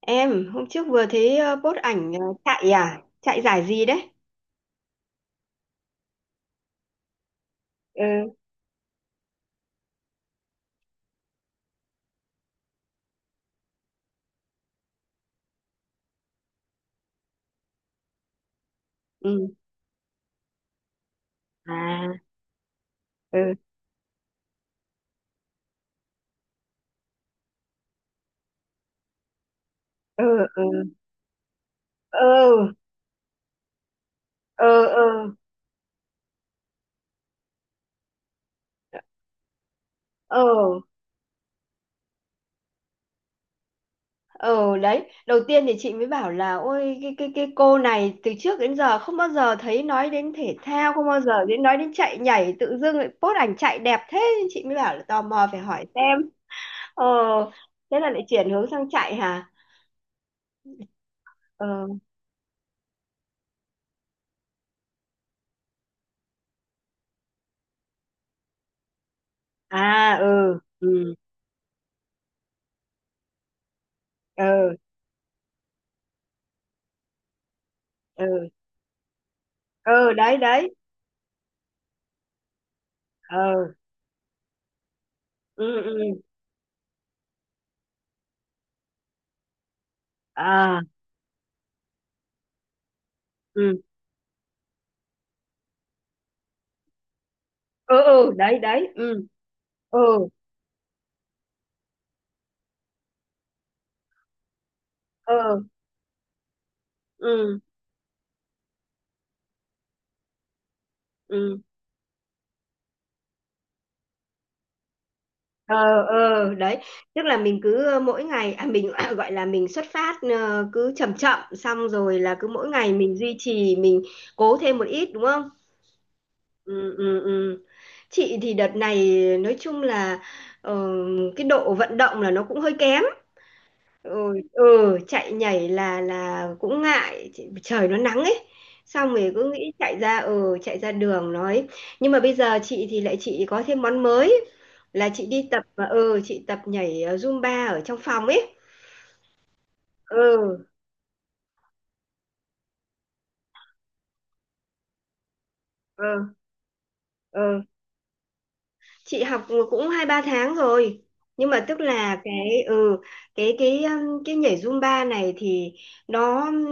Em, hôm trước vừa thấy post ảnh chạy à? Chạy giải gì đấy? Ừ, ừ. À, ừ, ừ, ừ, ừ, ừ, ừ, ừ, ừ, đấy. Đầu tiên thì chị mới bảo là ôi cái cô này từ trước đến giờ không bao giờ thấy nói đến thể thao, không bao giờ đến nói đến chạy nhảy, tự dưng lại post ảnh chạy đẹp thế. Chị mới bảo là tò mò phải hỏi xem. Ờ, thế là lại chuyển hướng sang chạy hả? Ờ, à, ừ, ừ, ừ, ừ, ừ, đấy đấy. Ờ, ừ, ừ, à, ừ, ừ, ừ, đấy đấy, ừ, ừ, ừ, ừ, ừ, ờ, ờ, đấy. Tức là mình cứ mỗi ngày à, mình gọi là mình xuất phát cứ chậm chậm, xong rồi là cứ mỗi ngày mình duy trì, mình cố thêm một ít đúng không? Ừ, ừ, ừ. Chị thì đợt này nói chung là ờ, cái độ vận động là nó cũng hơi kém. Ừ, ừ, chạy nhảy là cũng ngại. Trời nó nắng ấy, xong rồi cứ nghĩ chạy ra, ừ, chạy ra đường nói. Nhưng mà bây giờ chị thì lại chị có thêm món mới là chị đi tập, và ừ, chị tập nhảy Zumba ở trong phòng ấy. Ừ, ừ, ừ. Chị học cũng hai ba tháng rồi. Nhưng mà tức là cái cái nhảy Zumba này thì nó,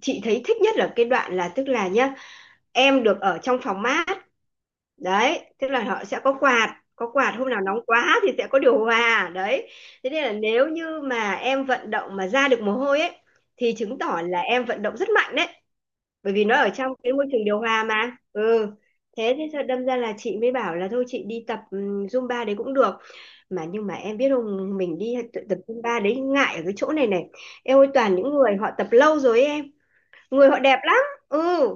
chị thấy thích nhất là cái đoạn là, tức là nhá, em được ở trong phòng mát. Đấy, tức là họ sẽ có quạt, hôm nào nóng quá thì sẽ có điều hòa đấy. Thế nên là nếu như mà em vận động mà ra được mồ hôi ấy thì chứng tỏ là em vận động rất mạnh đấy, bởi vì nó ở trong cái môi trường điều hòa mà, ừ. Thế thế sao đâm ra là chị mới bảo là thôi chị đi tập Zumba đấy cũng được. Mà nhưng mà em biết không, mình đi tập Zumba đấy, ngại ở cái chỗ này này, em ơi. Toàn những người họ tập lâu rồi ấy em, người họ đẹp lắm. Ừ,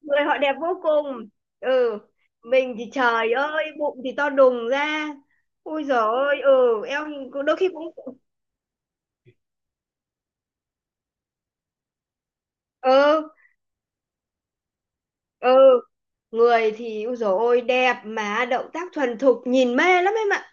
người họ đẹp vô cùng. Ừ, mình thì trời ơi bụng thì to đùng ra, ui dồi ôi, ừ, eo. Đôi khi cũng, ừ, ừ, người thì ui dồi ôi đẹp, mà động tác thuần thục nhìn mê lắm em ạ.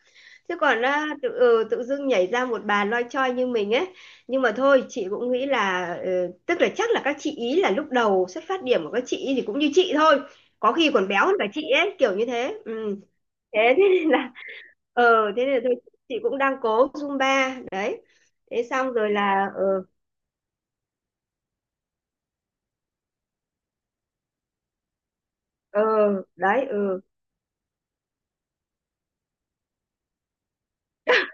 Chứ còn à, tự dưng nhảy ra một bà loi choi như mình ấy. Nhưng mà thôi, chị cũng nghĩ là ừ, tức là chắc là các chị ý là lúc đầu xuất phát điểm của các chị ý thì cũng như chị thôi, có khi còn béo hơn cả chị ấy kiểu như thế, ừ. Thế thế nên là ờ thế nên là tôi chị cũng đang cố Zumba đấy. Thế xong rồi là, ờ, ờ, đấy, ừ,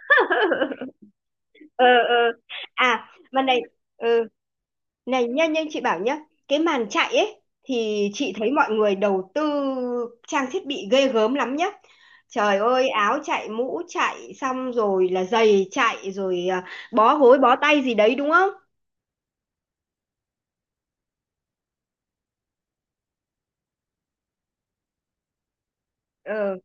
ờ, ờ. À mà này, ừ, này nhá, nhưng chị bảo nhá, cái màn chạy ấy thì chị thấy mọi người đầu tư trang thiết bị ghê gớm lắm nhá. Trời ơi áo chạy, mũ chạy, xong rồi là giày chạy, rồi à, bó gối, bó tay gì đấy đúng không? Ờ,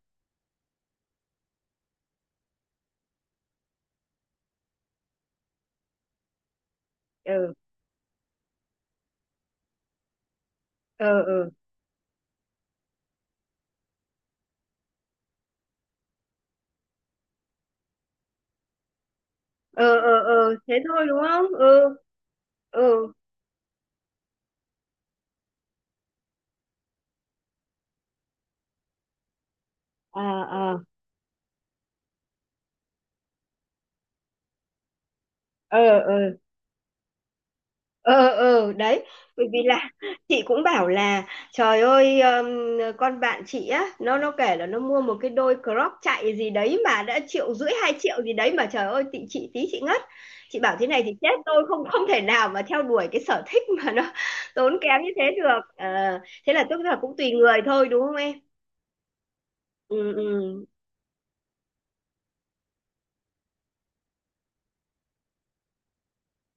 ờ, ờ, ờ, ờ, ờ, ờ, thế thôi đúng không? Ừ, ừ, à, à, ờ, ờ, ờ, ờ, đấy. Bởi vì là chị cũng bảo là trời ơi, con bạn chị á, nó kể là nó mua một cái đôi crop chạy gì đấy mà đã triệu rưỡi hai triệu gì đấy, mà trời ơi chị tí chị ngất. Chị bảo thế này thì chết tôi, không, không thể nào mà theo đuổi cái sở thích mà nó tốn kém như thế được. Ờ, thế là tức là cũng tùy người thôi đúng không em? Ừ, ừ,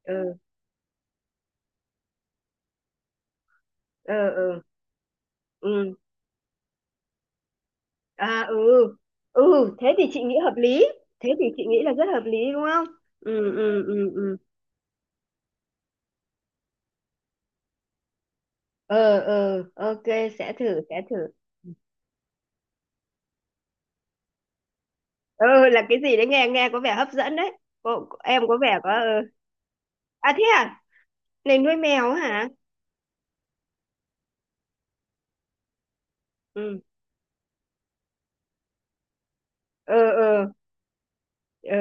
ừ, ừ, ừ. À, ừ, ừ, thế thì chị nghĩ hợp lý. Thế thì chị nghĩ là rất hợp lý đúng không? Ừ, ừ, ừ, ừ. Ờ, ờ, ok, sẽ thử, sẽ thử. Ừ, là cái gì đấy nghe, nghe có vẻ hấp dẫn đấy. Em có vẻ có... ờ. À thế à? Này nuôi mèo á hả? Ừ, ờ, ờ, ờ,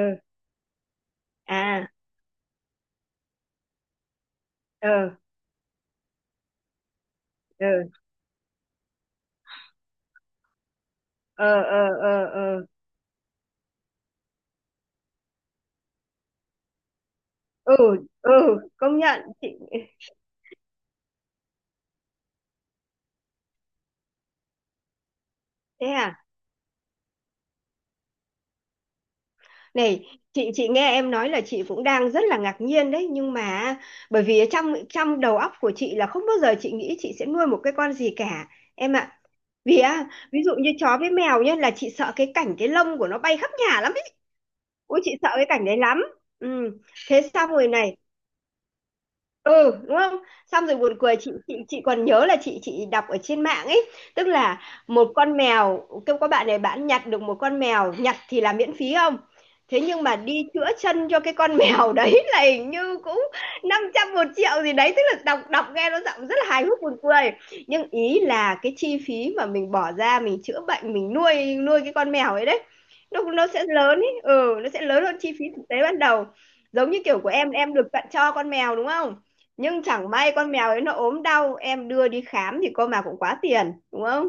à, ờ, ờ, ờ, ờ, ờ, ờ. Ừ, ừ, công nhận. Chị... Thế à? Này, chị nghe em nói là chị cũng đang rất là ngạc nhiên đấy, nhưng mà bởi vì trong trong đầu óc của chị là không bao giờ chị nghĩ chị sẽ nuôi một cái con gì cả em ạ. Vì á, ví dụ như chó với mèo nhá, là chị sợ cái cảnh cái lông của nó bay khắp nhà lắm ấy. Ôi chị sợ cái cảnh đấy lắm. Ừ. Thế xong rồi này, ừ, đúng không, xong rồi buồn cười. Chị còn nhớ là chị đọc ở trên mạng ấy, tức là một con mèo kêu có bạn này, bạn nhặt được một con mèo, nhặt thì là miễn phí không, thế nhưng mà đi chữa chân cho cái con mèo đấy là hình như cũng 500 một triệu gì đấy. Tức là đọc, đọc nghe nó giọng rất là hài hước buồn cười, nhưng ý là cái chi phí mà mình bỏ ra mình chữa bệnh, mình nuôi, cái con mèo ấy đấy, nó sẽ lớn ấy, ừ, nó sẽ lớn hơn chi phí thực tế ban đầu. Giống như kiểu của em được tặng cho con mèo đúng không, nhưng chẳng may con mèo ấy nó ốm đau em đưa đi khám thì cô mà cũng quá tiền đúng không?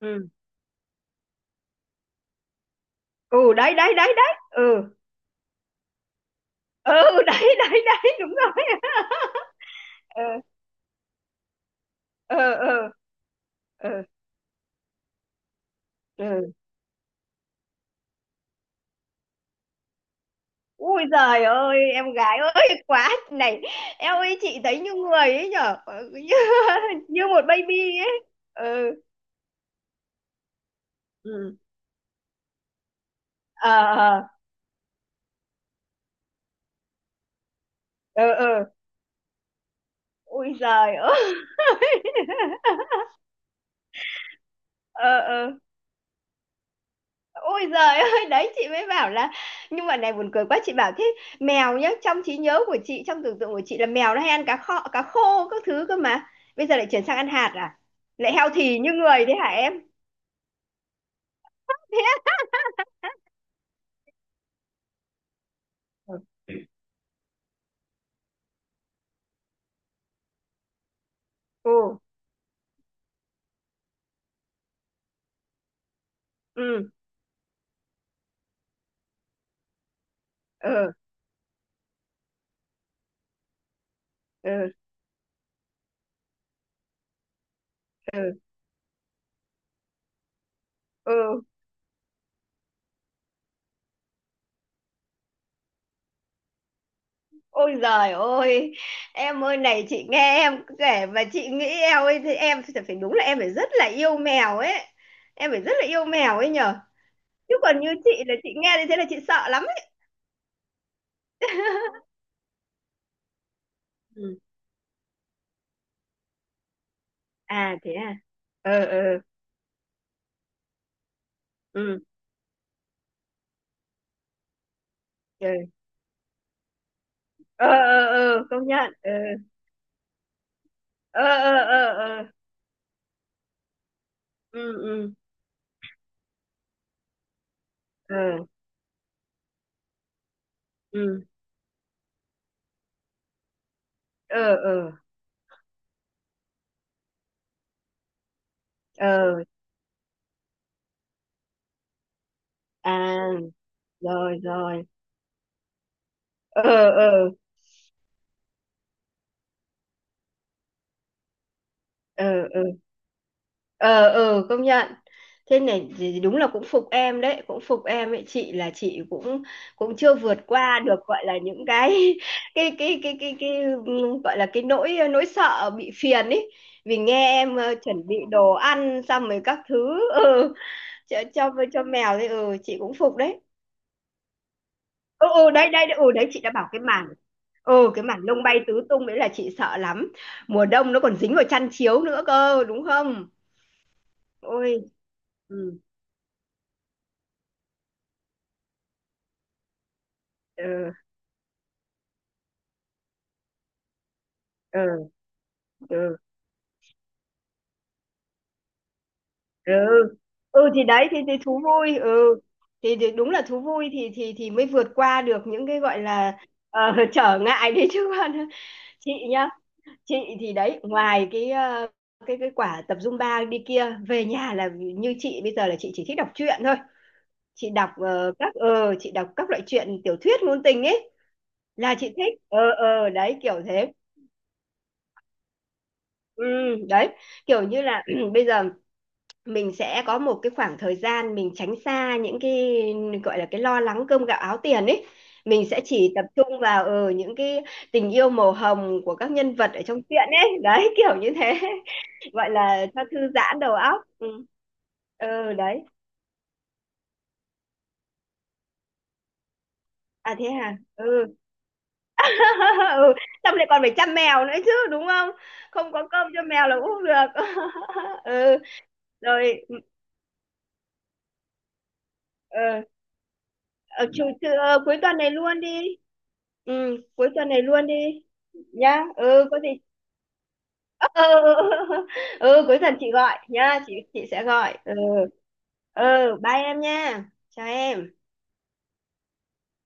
Ừ, ừ, đấy đấy đấy đấy, ừ, ừ, đấy đấy đấy đúng rồi. Ừ, ừ, ừ, ừ, ừ. Ui giời ơi em gái ơi, quá này. Em ơi chị thấy như người ấy nhở. Ừ, như như một baby ấy. Ừ, ừ, ờ, ờ, ờ, ờ, ui giời ơi, ờ, ờ. Ôi giời ơi, đấy chị mới bảo là nhưng mà này buồn cười quá. Chị bảo thế, mèo nhá, trong trí nhớ của chị, trong tưởng tượng của chị là mèo nó hay ăn cá kho, cá khô các thứ cơ mà. Bây giờ lại chuyển sang ăn hạt à? Lại healthy như người đấy hả em? Thế á? Ừ, ừ, ừ, ừ, ừ, ừ. Ừ. Ôi giời ơi, em ơi, này chị nghe em kể mà chị nghĩ em ơi, thì em phải phải đúng là em phải rất là yêu mèo ấy, em phải rất là yêu mèo ấy nhở, chứ còn như chị là chị nghe như thế là chị sợ lắm ấy. À thế à? Ờ, ờ, ừ, ừ, ờ, ờ, ờ, công nhận, ờ, ờ, ờ, ờ, ờ, ừ, ừ, ờ, ừ, ờ, ờ, ờ, à, rồi rồi, ờ, ờ, ờ, ờ, ờ, ừ, công nhận. Thế này thì đúng là cũng phục em đấy, cũng phục em ấy. Chị là chị cũng cũng chưa vượt qua được, gọi là những cái cái, gọi là cái nỗi nỗi sợ bị phiền ấy. Vì nghe em chuẩn bị đồ ăn xong rồi các thứ, ừ, cho mèo đấy, ừ, chị cũng phục đấy. Ừ, ừ, đấy đấy đấy, ừ, đấy chị đã bảo cái màn, ừ, cái màn lông bay tứ tung đấy là chị sợ lắm. Mùa đông nó còn dính vào chăn chiếu nữa cơ đúng không? Ôi, ừ, ừ, ừ, ừ, ừ, ừ thì đấy thì thú vui, ừ, thì đúng là thú vui thì thì mới vượt qua được những cái gọi là ờ, trở ngại đấy chứ còn. Chị nhá, chị thì đấy, ngoài cái cái quả tập Zumba đi kia về nhà là, như chị bây giờ là chị chỉ thích đọc truyện thôi. Chị đọc ờ, các ờ chị đọc các loại truyện tiểu thuyết ngôn tình ấy, là chị thích, ờ, ờ, đấy kiểu thế. Ừ, đấy, kiểu như là bây giờ mình sẽ có một cái khoảng thời gian mình tránh xa những cái gọi là cái lo lắng cơm gạo áo tiền ấy. Mình sẽ chỉ tập trung vào ở những cái tình yêu màu hồng của các nhân vật ở trong truyện ấy, đấy kiểu như thế. Gọi là cho thư giãn đầu óc, ừ. Ừ, đấy. À thế à? Ừ, ừ, xong lại còn phải chăm mèo nữa chứ đúng không? Không có cơm cho mèo là cũng không được. Ừ, rồi, ừ. Ờ, ờ, cuối tuần này luôn đi. Ừ, cuối tuần này luôn đi. Nhá. Ừ, có gì. Ừ, ừ, ừ. Ừ, cuối tuần chị gọi nhá, chị sẽ gọi. Ừ. Ừ, bye em nha. Chào em.